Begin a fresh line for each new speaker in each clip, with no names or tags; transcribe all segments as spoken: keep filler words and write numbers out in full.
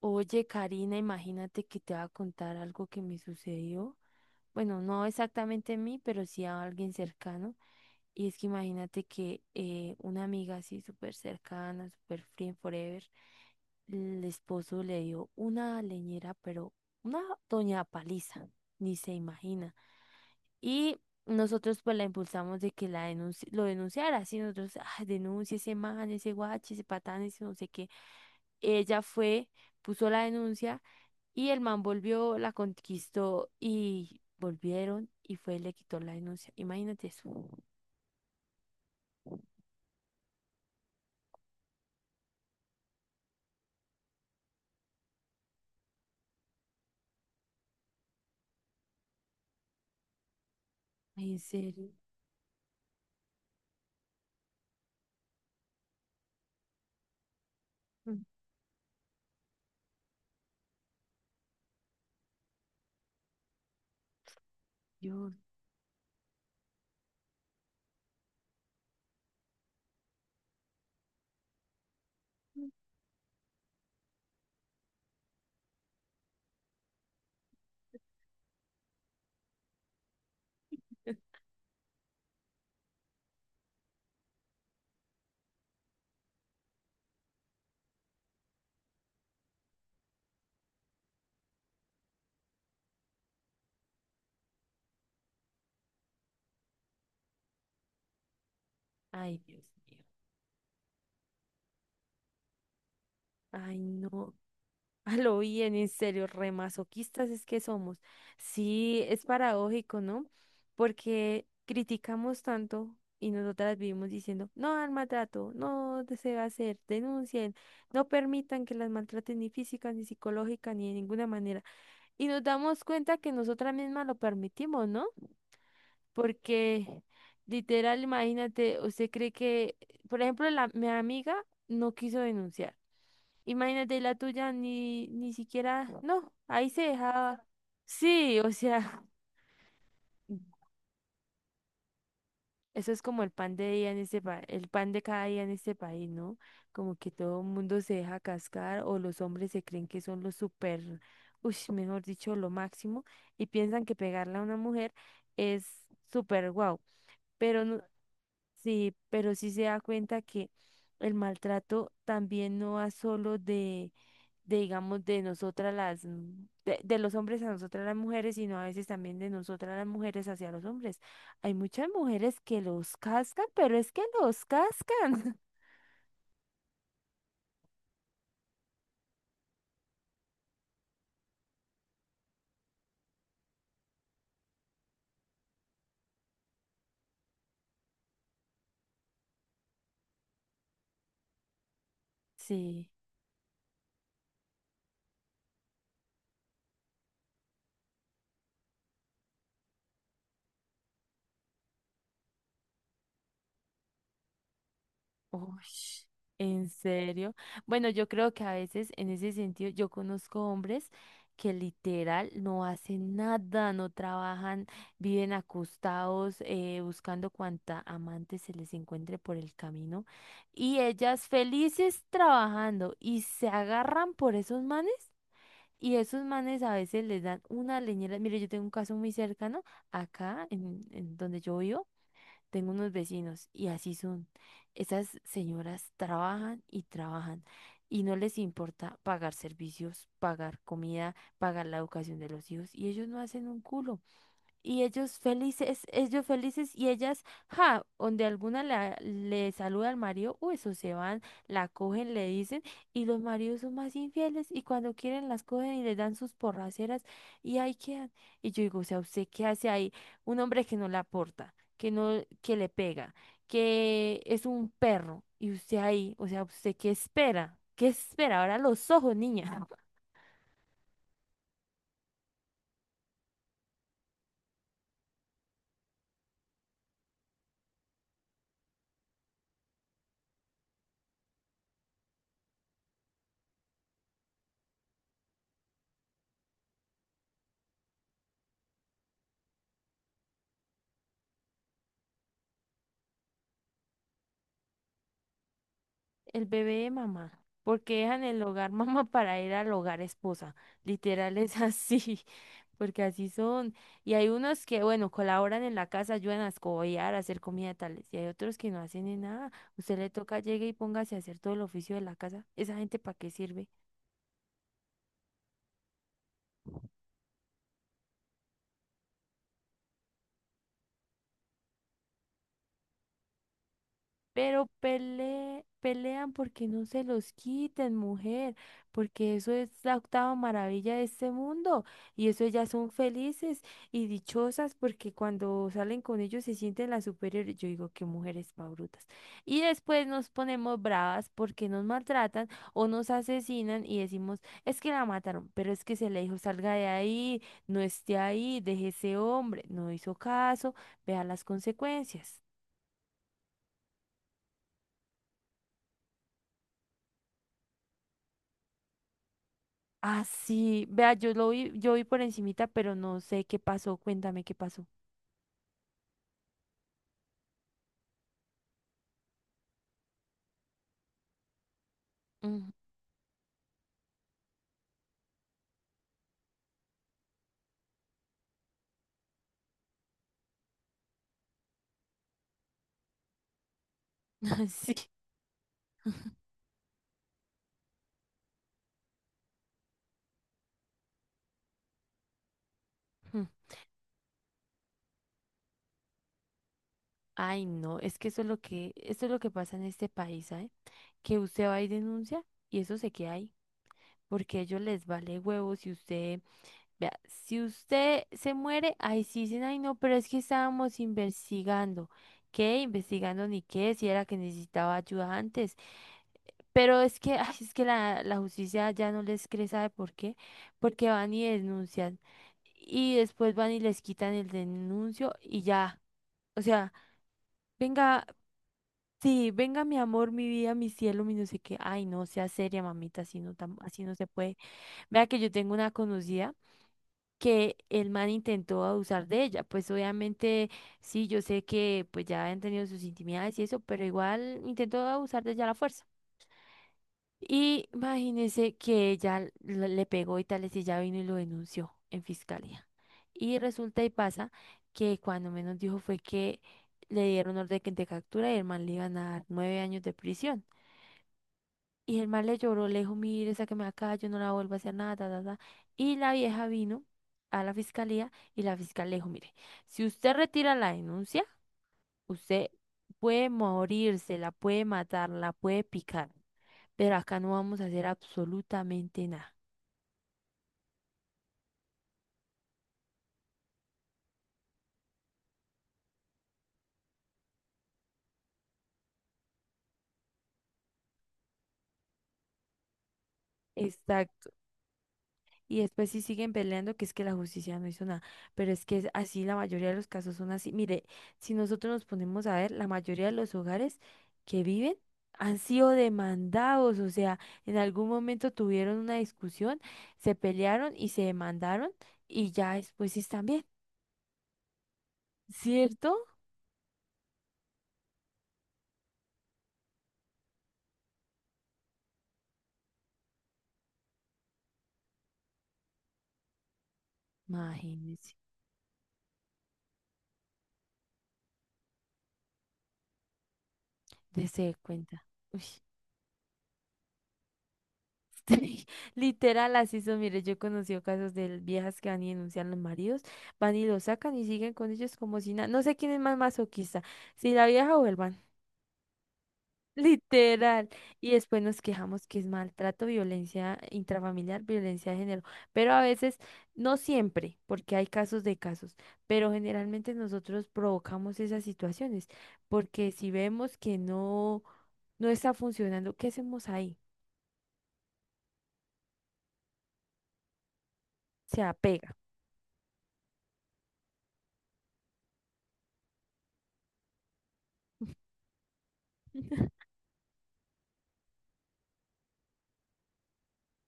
Oye, Karina, imagínate que te va a contar algo que me sucedió. Bueno, no exactamente a mí, pero sí a alguien cercano. Y es que imagínate que eh, una amiga así súper cercana, súper friend forever, el esposo le dio una leñera, pero una doña paliza, ni se imagina. Y nosotros pues la impulsamos de que la denunci- lo denunciara, así nosotros, ah, denuncia ese man, ese guache, ese patán, ese no sé qué. Ella fue, puso la denuncia. Y el man volvió, la conquistó y volvieron y fue le quitó la denuncia. Imagínate eso. Ay, en serio. Mm. Dios, ay, Dios mío. Ay, no. A lo bien, en serio, remasoquistas es que somos. Sí, es paradójico, ¿no? Porque criticamos tanto y nosotras vivimos diciendo, no al maltrato, no de- se va a hacer, denuncien, no permitan que las maltraten ni física, ni psicológica, ni de ninguna manera. Y nos damos cuenta que nosotras mismas lo permitimos, ¿no? Porque literal, imagínate, usted cree que, por ejemplo, la, mi amiga no quiso denunciar. Imagínate la tuya, ni, ni siquiera, no, ahí se dejaba. Sí, o sea, eso es como el pan de día en este pa- el pan de cada día en este país, ¿no? Como que todo el mundo se deja cascar o los hombres se creen que son los super, uy, mejor dicho, lo máximo y piensan que pegarle a una mujer es súper guau, pero no, sí, pero sí se da cuenta que el maltrato también no va solo de de, digamos, de nosotras las, mm, de, de los hombres a nosotras las mujeres, sino a veces también de nosotras las mujeres hacia los hombres. Hay muchas mujeres que los cascan, pero es que los cascan. Sí. Uy, ¿en serio? Bueno, yo creo que a veces en ese sentido yo conozco hombres que literal no hacen nada, no trabajan, viven acostados eh, buscando cuanta amante se les encuentre por el camino y ellas felices trabajando y se agarran por esos manes y esos manes a veces les dan una leñera. Mire, yo tengo un caso muy cercano acá en en donde yo vivo. Tengo unos vecinos y así son. Esas señoras trabajan y trabajan y no les importa pagar servicios, pagar comida, pagar la educación de los hijos y ellos no hacen un culo. Y ellos felices, ellos felices y ellas, ja, donde alguna la- le saluda al marido, o eso se van, la cogen, le dicen, y los maridos son más infieles y cuando quieren las cogen y les dan sus porraceras y ahí quedan. Y yo digo, o sea, ¿usted qué hace ahí? Un hombre que no la aporta, que no, que le pega, que es un perro y usted ahí, o sea, ¿usted qué espera? ¿Qué espera? Ahora los ojos, niña. El bebé de mamá, porque dejan el hogar mamá para ir al hogar esposa. Literal es así, porque así son. Y hay unos que, bueno, colaboran en la casa, ayudan a escobillar, a hacer comida tales. Y hay otros que no hacen ni nada. Usted le toca, llegue y póngase a hacer todo el oficio de la casa. ¿Esa gente para qué sirve? Pero pele- pelean porque no se los quiten, mujer, porque eso es la octava maravilla de este mundo y eso ellas son felices y dichosas porque cuando salen con ellos se sienten las superiores. Yo digo que mujeres pa' brutas. Y después nos ponemos bravas porque nos maltratan o nos asesinan y decimos, es que la mataron, pero es que se le dijo, salga de ahí, no esté ahí, deje ese hombre, no hizo caso, vea las consecuencias. Ah, sí. Vea, yo lo vi, yo vi por encimita, pero no sé qué pasó. Cuéntame qué pasó. Mm. Sí. Mm. Ay, no, es que eso es lo que, esto es lo que pasa en este país, ¿sabe? Que usted va y denuncia y eso se queda ahí, porque a ellos les vale huevo si usted, vea, si usted se muere, ahí sí dicen, ay, no, pero es que estábamos investigando. ¿Qué? Investigando ni qué, si era que necesitaba ayuda antes. Pero es que, ay, es que la, la justicia ya no les cree, ¿sabe por qué? Porque van y denuncian y después van y les quitan el denuncio y ya. O sea, venga, sí, venga mi amor, mi vida, mi cielo, mi no sé qué. Ay, no, sea seria, mamita, así no, tam- así no se puede. Vea que yo tengo una conocida que el man intentó abusar de ella. Pues obviamente, sí, yo sé que pues ya han tenido sus intimidades y eso, pero igual intentó abusar de ella a la fuerza. Y imagínese que ella l- le pegó y tales y si ya vino y lo denunció en fiscalía. Y resulta y pasa que cuando menos dijo fue que le dieron orden que- de captura y el man le iban a dar nueve años de prisión. Y el man le lloró, le dijo, mire, sáqueme de acá, yo no la vuelvo a hacer nada, ta, ta, ta". Y la vieja vino a la fiscalía y la fiscal le dijo, mire, si usted retira la denuncia, usted puede morirse, la puede matar, la puede picar, pero acá no vamos a hacer absolutamente nada. Exacto. Y después sí siguen peleando que es que la justicia no hizo nada, pero es que es así, la mayoría de los casos son así. Mire, si nosotros nos ponemos a ver, la mayoría de los hogares que viven han sido demandados, o sea, en algún momento tuvieron una discusión, se pelearon y se demandaron y ya después sí están bien, ¿cierto? Imagínense, dese cuenta. Uy. Literal, así son. Mire, yo he conocido casos de viejas que van y denuncian a los maridos, van y los sacan y siguen con ellos como si nada. No sé quién es más masoquista, si la vieja o el man. Literal. Y después nos quejamos que es maltrato, violencia intrafamiliar, violencia de género. Pero a veces, no siempre, porque hay casos de casos, pero generalmente nosotros provocamos esas situaciones, porque si vemos que no, no está funcionando, ¿qué hacemos ahí? Se apega.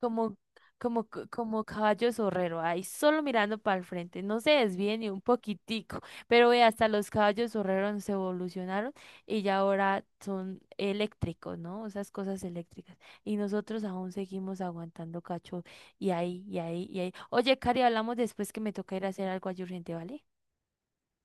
Como, como, c- como caballo zorrero, ahí solo mirando para el frente, no se desvíe ni un poquitico, pero ve, hasta los caballos zorreros se evolucionaron y ya ahora son eléctricos, ¿no? Esas cosas eléctricas. Y nosotros aún seguimos aguantando cacho y ahí, y ahí, y ahí. Oye, Cari, hablamos después que me toca ir a hacer algo allí urgente, ¿vale?